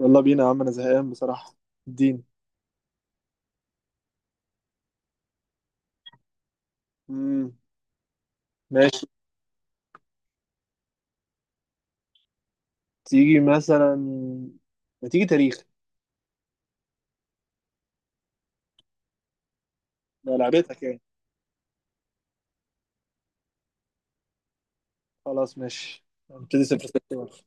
يلا بينا يا عم، انا زهقان بصراحة. الدين. امم ماشي. تيجي مثلا، ما تيجي تاريخ. ده لعبتك يعني. خلاص، ماشي، هنبتدي صفر صفر.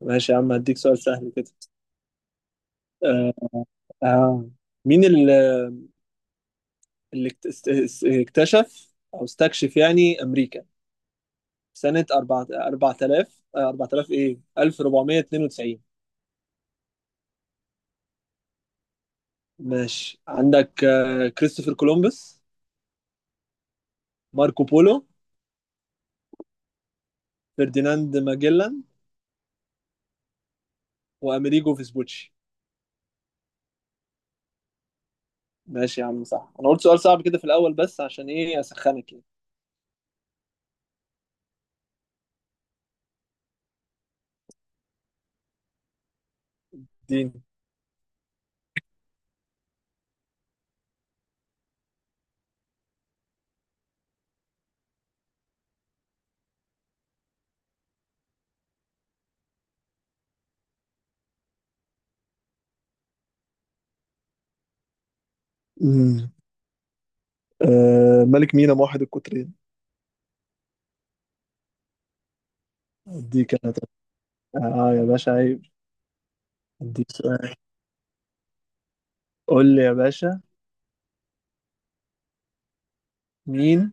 ماشي يا عم، هديك سؤال سهل كده. آه. آه. مين اللي اكتشف او استكشف يعني امريكا سنة 4 4000 4000 ايه 1492؟ ماشي، عندك كريستوفر كولومبوس، ماركو بولو، فرديناند ماجلان، وامريجو فيسبوتشي. ماشي يا عم، صح. انا قلت سؤال صعب كده في الاول بس عشان ايه، اسخنك يعني. اديني. مم. آه، ملك مينا موحد القطرين. اديك انا طب. اه يا باشا عيب. اديك سؤال. قول لي يا باشا. مين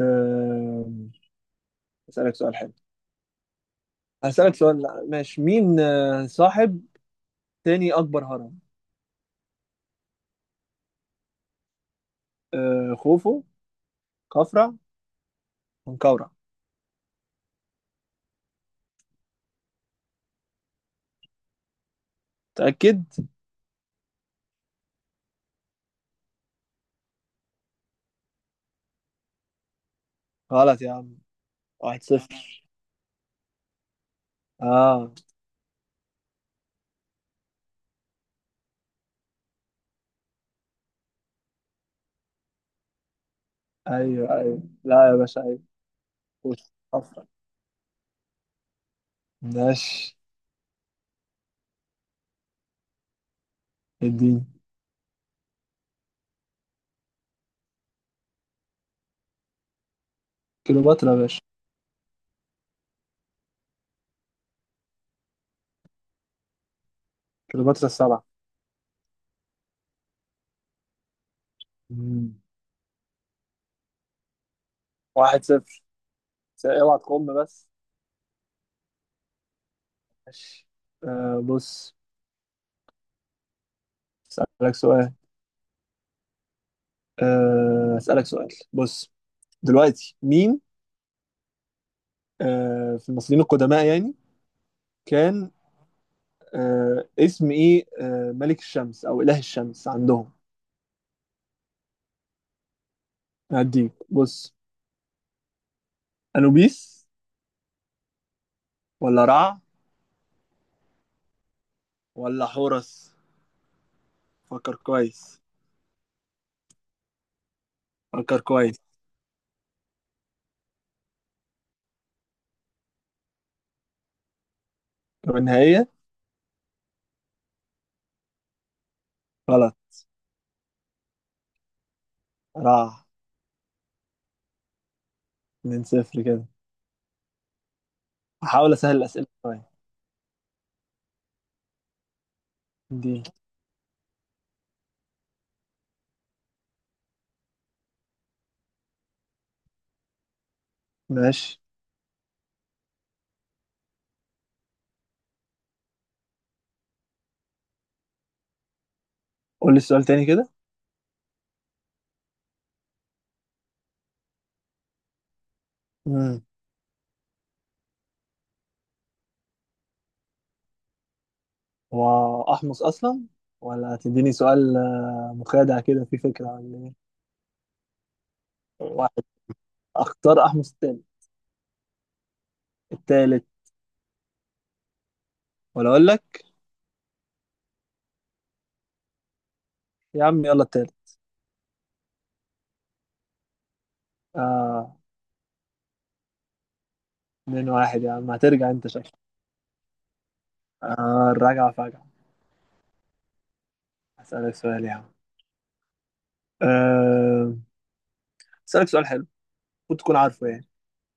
آه اسالك سؤال حلو. هسالك سؤال. لا، ماشي. مين صاحب تاني اكبر هرم؟ خوفو، خفرع، منقورع؟ متاكد؟ غلط يا عم. واحد صفر. اه. ايوه، ايوه، لا يا باشا عيب. خوفو، خفرع. ماشي، اديني. كليوباترا يا باشا. كليوباترا السبعة. مم. واحد صفر. اوعى تقوم بس. ماشي. بص، اسألك سؤال. اسألك سؤال. بص، دلوقتي مين في المصريين القدماء يعني كان اسم ايه ملك الشمس او اله الشمس عندهم؟ هديك بص، انوبيس ولا رع ولا حورس؟ فكر كويس. فكر كويس. طب النهاية؟ غلط. رع. 2 صفر كده. هحاول اسهل الاسئلة شوية. دي ماشي. قول لي السؤال تاني كده. امم هو احمص اصلا ولا هتديني سؤال مخادع كده في فكره ولا ايه؟ واحد. اختار احمص التاني. التالت؟ ولا اقول لك. يا عم يلا التالت. اه. اتنين واحد يا عم، هترجع انت شكلك. اه، الرجعه فجعه. هسألك سؤال يا عم. آه، هسألك سؤال حلو. المفروض تكون عارفه يعني.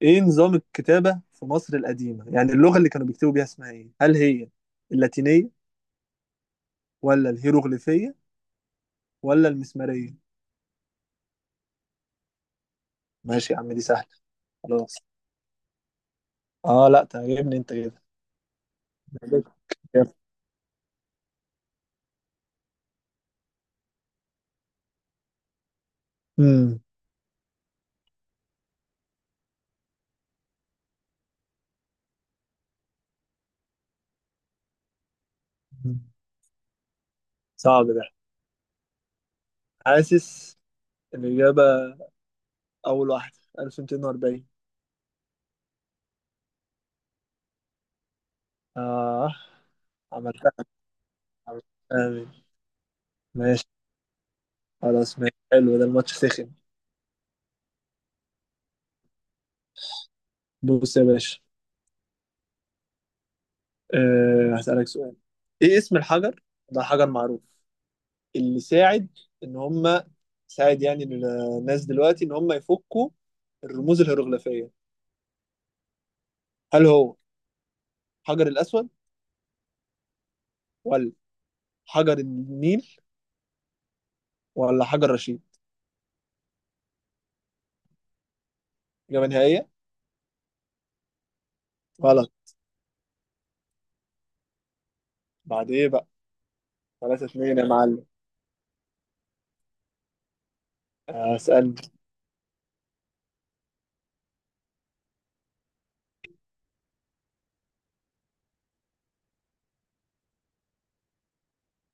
ايه نظام الكتابه في مصر القديمه؟ يعني اللغه اللي كانوا بيكتبوا بيها اسمها ايه؟ هل هي اللاتينيه ولا الهيروغليفيه ولا المسماريه؟ ماشي يا عم، دي سهلة. خلاص. اه لا، تعجبني انت كده. امم صعب ده. حاسس الإجابة. أول واحدة 1240. اه، عملتها. آمين. ماشي. خلاص. ماشي حلو، ده الماتش سخن. بص يا باشا. هسألك سؤال. ايه اسم الحجر ده؟ حجر معروف اللي ساعد ان هم، ساعد يعني الناس دلوقتي ان هم يفكوا الرموز الهيروغليفية. هل هو حجر الأسود ولا حجر النيل ولا حجر رشيد؟ إجابة نهائية؟ غلط. بعد إيه بقى. 3 2 يا معلم. أسأل.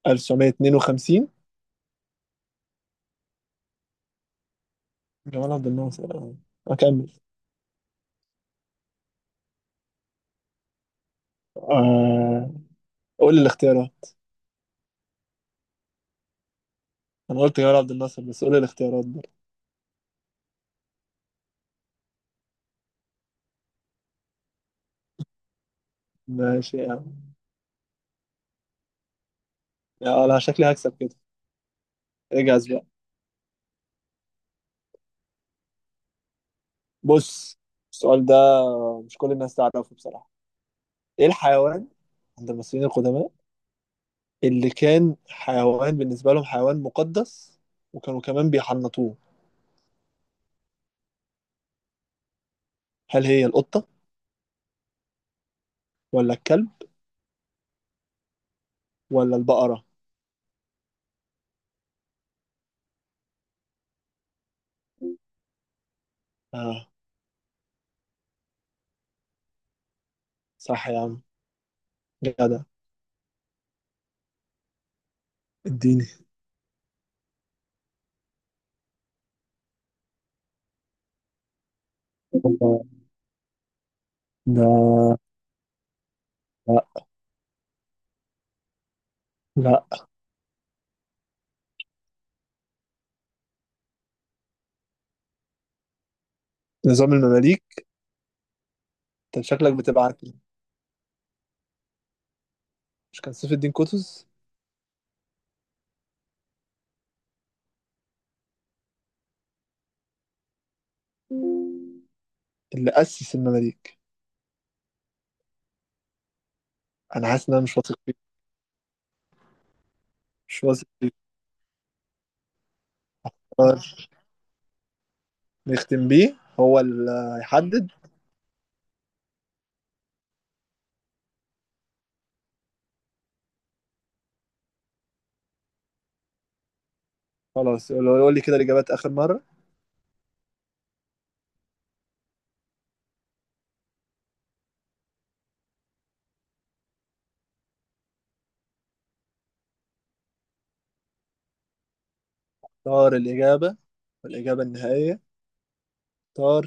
1952. جمال عبد الناصر. أكمل. آه. قول لي الاختيارات. أنا قلت جمال عبد الناصر بس قول لي الاختيارات برضه. ماشي يا عم. يا أنا شكلي هكسب كده. اجهز بقى. بص السؤال ده مش كل الناس تعرفه بصراحة. إيه الحيوان عند المصريين القدماء اللي كان حيوان بالنسبة لهم؟ حيوان مقدس وكانوا كمان بيحنطوه. هل هي القطة ولا الكلب ولا البقرة؟ آه، صح يا عم. جدع. اديني. لا، لا، لا. نظام المماليك. انت شكلك بتبقى عارف. مش كان سيف الدين قطز اللي أسس المماليك؟ أنا حاسس إن أنا مش واثق فيه. مش واثق فيه. آه، نختم بيه. هو اللي هيحدد. خلاص. لو يقول لي كده الإجابات آخر مرة. طار الإجابة. والإجابة النهائية. طار.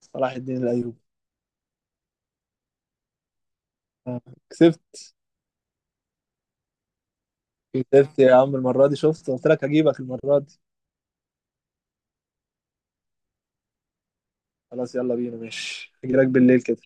صلاح الدين الأيوبي. آه، كسبت. كسبت يا عم المرة دي. شفت، قلت لك هجيبك المرة دي. خلاص يلا بينا، ماشي. هجيلك بالليل كده.